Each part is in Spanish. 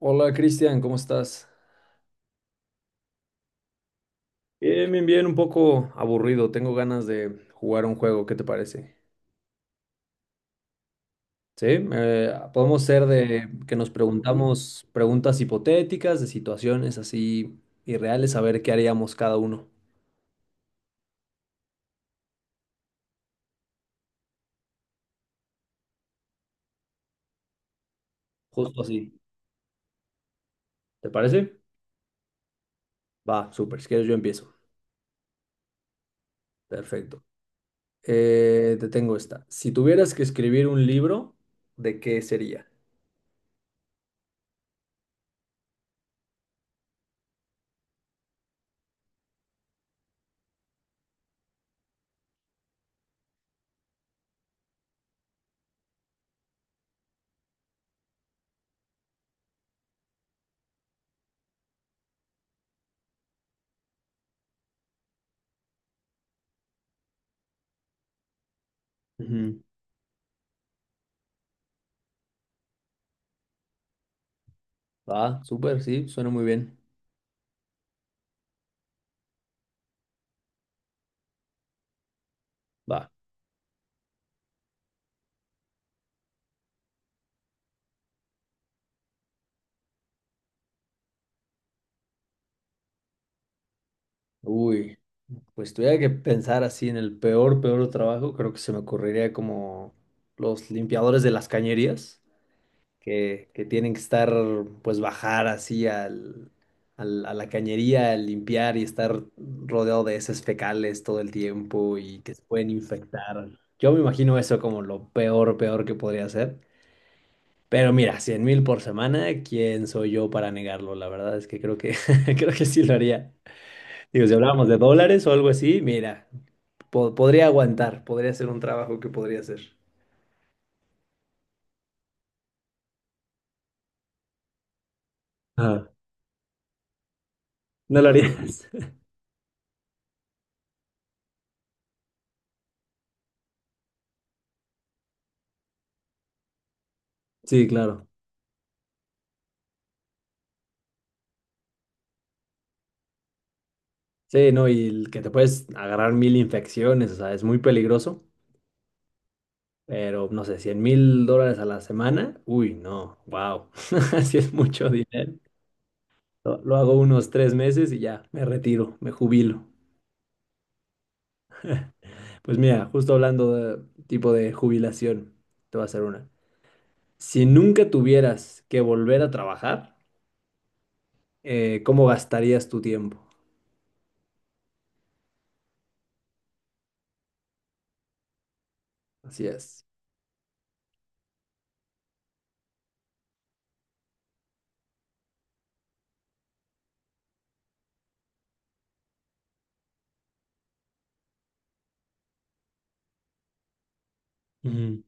Hola Cristian, ¿cómo estás? Bien, bien, bien, un poco aburrido. Tengo ganas de jugar un juego, ¿qué te parece? Sí, podemos ser de que nos preguntamos preguntas hipotéticas, de situaciones así irreales, a ver qué haríamos cada uno. Justo así, ¿te parece? Va, súper, si quieres yo empiezo. Perfecto. Te tengo esta. Si tuvieras que escribir un libro, ¿de qué sería? Ujú. Va, súper, sí, suena muy bien. Va. Uy. Pues tuviera que pensar así en el peor, peor trabajo, creo que se me ocurriría como los limpiadores de las cañerías, que tienen que estar, pues bajar así a la cañería, a limpiar y estar rodeado de heces fecales todo el tiempo y que se pueden infectar. Yo me imagino eso como lo peor, peor que podría ser. Pero mira, 100.000 por semana, ¿quién soy yo para negarlo? La verdad es que creo que, creo que sí lo haría. Digo, si hablábamos de dólares o algo así, mira, podría aguantar, podría ser un trabajo que podría hacer. Ajá, no lo harías. Sí, claro. Sí, no, y el que te puedes agarrar mil infecciones, o sea, es muy peligroso, pero no sé, 100.000 dólares a la semana, uy, no, wow, así es mucho dinero. Lo hago unos 3 meses y ya, me retiro, me jubilo. Pues mira, justo hablando de tipo de jubilación, te voy a hacer una. Si nunca tuvieras que volver a trabajar, ¿cómo gastarías tu tiempo? Así es. Ujú.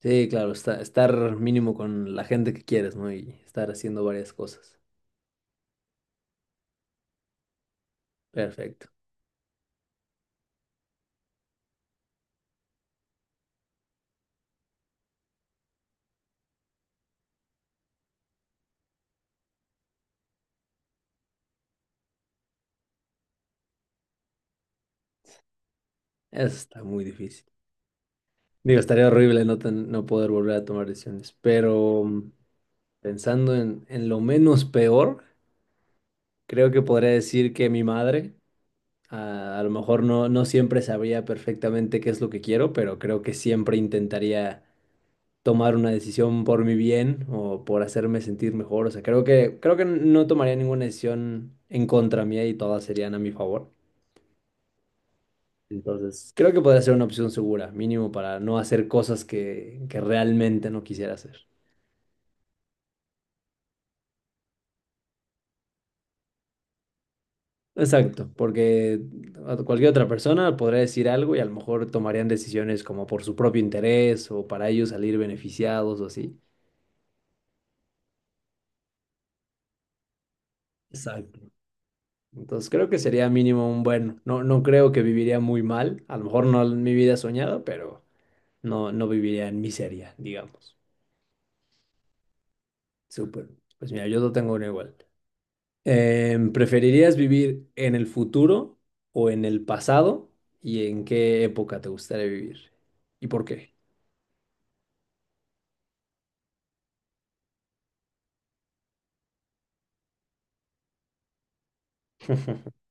Sí, claro, estar mínimo con la gente que quieres, ¿no? Y estar haciendo varias cosas. Perfecto. Eso está muy difícil. Digo, estaría horrible no, no poder volver a tomar decisiones, pero pensando en lo menos peor, creo que podría decir que mi madre, a lo mejor no siempre sabría perfectamente qué es lo que quiero, pero creo que siempre intentaría tomar una decisión por mi bien o por hacerme sentir mejor. O sea, creo que no tomaría ninguna decisión en contra mía y todas serían a mi favor. Entonces, creo que podría ser una opción segura, mínimo para no hacer cosas que realmente no quisiera hacer. Exacto, porque a cualquier otra persona podría decir algo y a lo mejor tomarían decisiones como por su propio interés o para ellos salir beneficiados o así. Exacto. Entonces creo que sería mínimo un bueno. No, no creo que viviría muy mal. A lo mejor no mi vida soñada, pero no, no viviría en miseria, digamos. Súper. Pues mira, yo no tengo uno igual. ¿Preferirías vivir en el futuro o en el pasado? ¿Y en qué época te gustaría vivir? ¿Y por qué?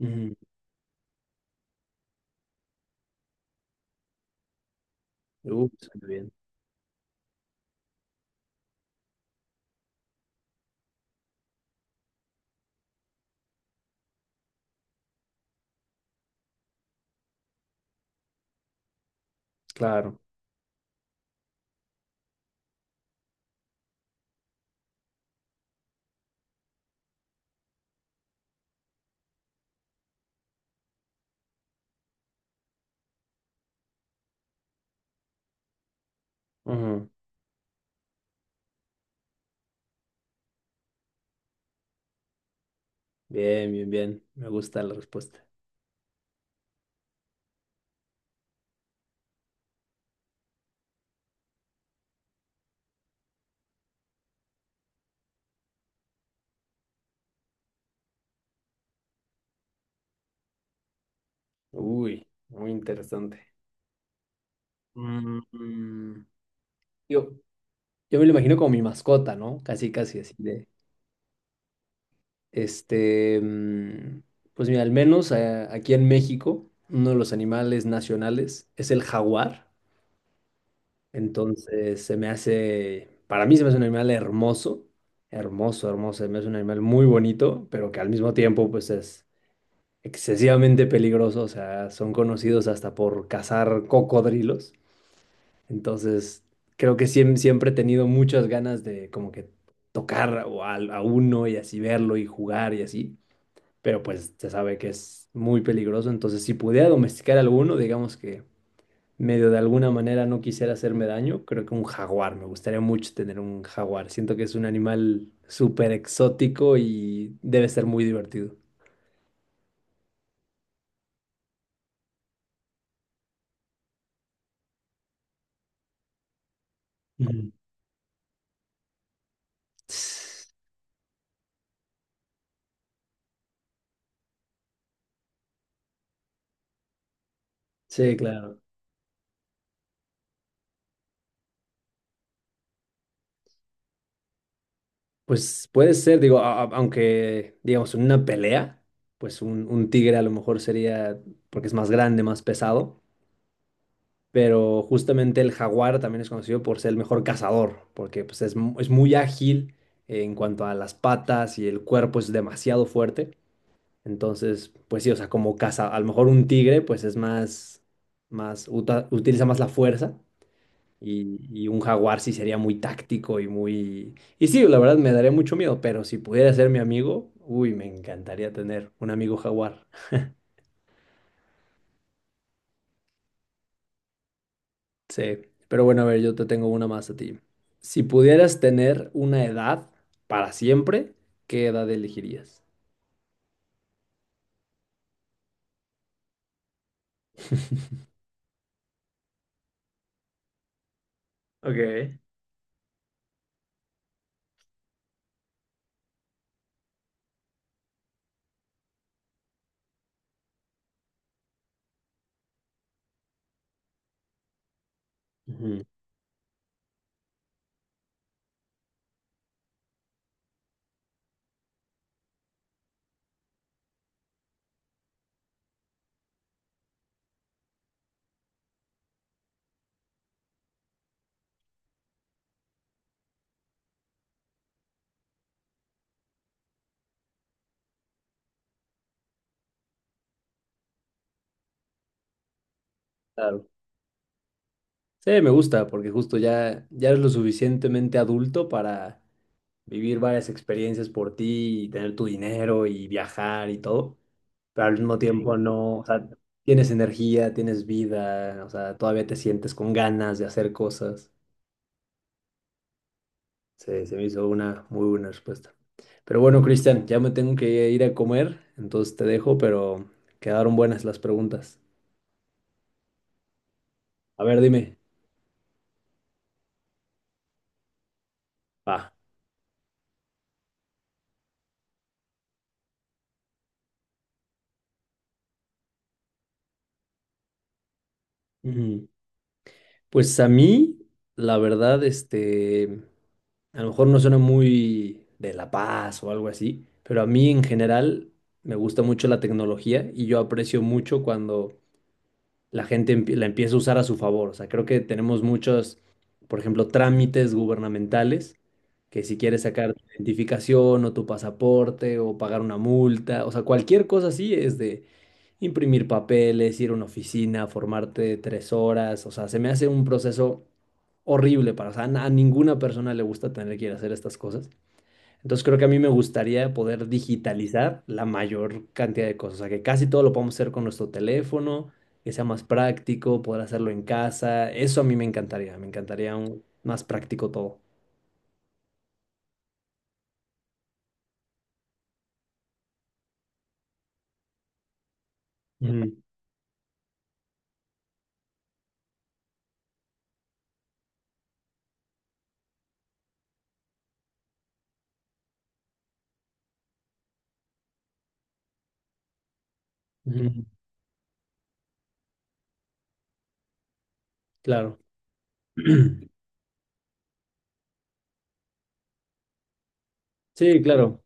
Ujú. Suena bien. Claro. Ujú. Bien, bien, bien. Me gusta la respuesta. Uy, muy interesante. Mm, mm. Yo, yo me lo imagino como mi mascota, ¿no? Casi, casi así de. Este, pues mira, al menos aquí en México, uno de los animales nacionales es el jaguar. Entonces, se me hace, para mí se me hace un animal hermoso, hermoso, hermoso. Se me hace un animal muy bonito, pero que al mismo tiempo, pues es excesivamente peligroso. O sea, son conocidos hasta por cazar cocodrilos. Entonces, creo que siempre he tenido muchas ganas de como que tocar o a uno y así verlo y jugar y así, pero pues se sabe que es muy peligroso, entonces si pudiera domesticar alguno, digamos que medio de alguna manera no quisiera hacerme daño, creo que un jaguar, me gustaría mucho tener un jaguar, siento que es un animal súper exótico y debe ser muy divertido. Ujú. Sí, claro. Pues puede ser, digo, aunque digamos en una pelea, pues un tigre a lo mejor sería, porque es más grande, más pesado, pero justamente el jaguar también es conocido por ser el mejor cazador, porque pues, es, es muy ágil en cuanto a las patas y el cuerpo es demasiado fuerte. Entonces, pues sí, o sea, como caza, a lo mejor un tigre pues es más, más, utiliza más la fuerza y un jaguar sí sería muy táctico y muy... Y sí, la verdad me daría mucho miedo, pero si pudiera ser mi amigo, uy, me encantaría tener un amigo jaguar. Sí, pero bueno, a ver, yo te tengo una más a ti. Si pudieras tener una edad para siempre, ¿qué edad elegirías? Ok. Ujú, claro. Sí, me gusta porque justo ya, ya eres lo suficientemente adulto para vivir varias experiencias por ti y tener tu dinero y viajar y todo, pero al mismo, sí, tiempo no, o sea, tienes energía, tienes vida, o sea, todavía te sientes con ganas de hacer cosas. Se me hizo una muy buena respuesta. Pero bueno, Cristian, ya me tengo que ir a comer, entonces te dejo, pero quedaron buenas las preguntas. A ver, dime. Va. Ujú. Pues a mí, la verdad, este, a lo mejor no suena muy de La Paz o algo así, pero a mí en general me gusta mucho la tecnología y yo aprecio mucho cuando la gente la empieza a usar a su favor. O sea, creo que tenemos muchos, por ejemplo, trámites gubernamentales, que si quieres sacar tu identificación o tu pasaporte o pagar una multa, o sea, cualquier cosa así es de imprimir papeles, ir a una oficina, formarte 3 horas. O sea, se me hace un proceso horrible para, o sea, a ninguna persona le gusta tener que ir a hacer estas cosas. Entonces creo que a mí me gustaría poder digitalizar la mayor cantidad de cosas, o sea, que casi todo lo podamos hacer con nuestro teléfono, que sea más práctico, poder hacerlo en casa, eso a mí me encantaría más práctico todo. Ujú, ujú, claro. Sí, claro.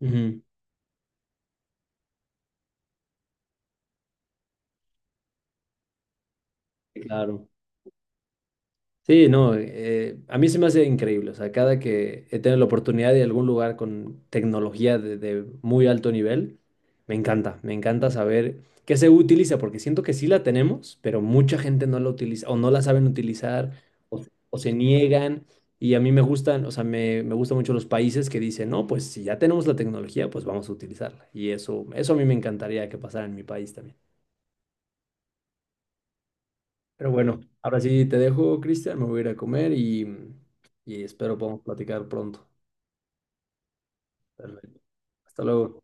Ujú, claro. Sí, no, a mí se me hace increíble, o sea, cada que he tenido la oportunidad de algún lugar con tecnología de muy alto nivel, me encanta saber qué se utiliza, porque siento que sí la tenemos, pero mucha gente no la utiliza o no la saben utilizar o, o se niegan y a mí me gustan, o sea, me gustan mucho los países que dicen, no, pues si ya tenemos la tecnología, pues vamos a utilizarla y eso a mí me encantaría que pasara en mi país también. Pero bueno, ahora sí te dejo, Cristian, me voy a ir a comer y espero podamos platicar pronto. Perfecto. Hasta luego.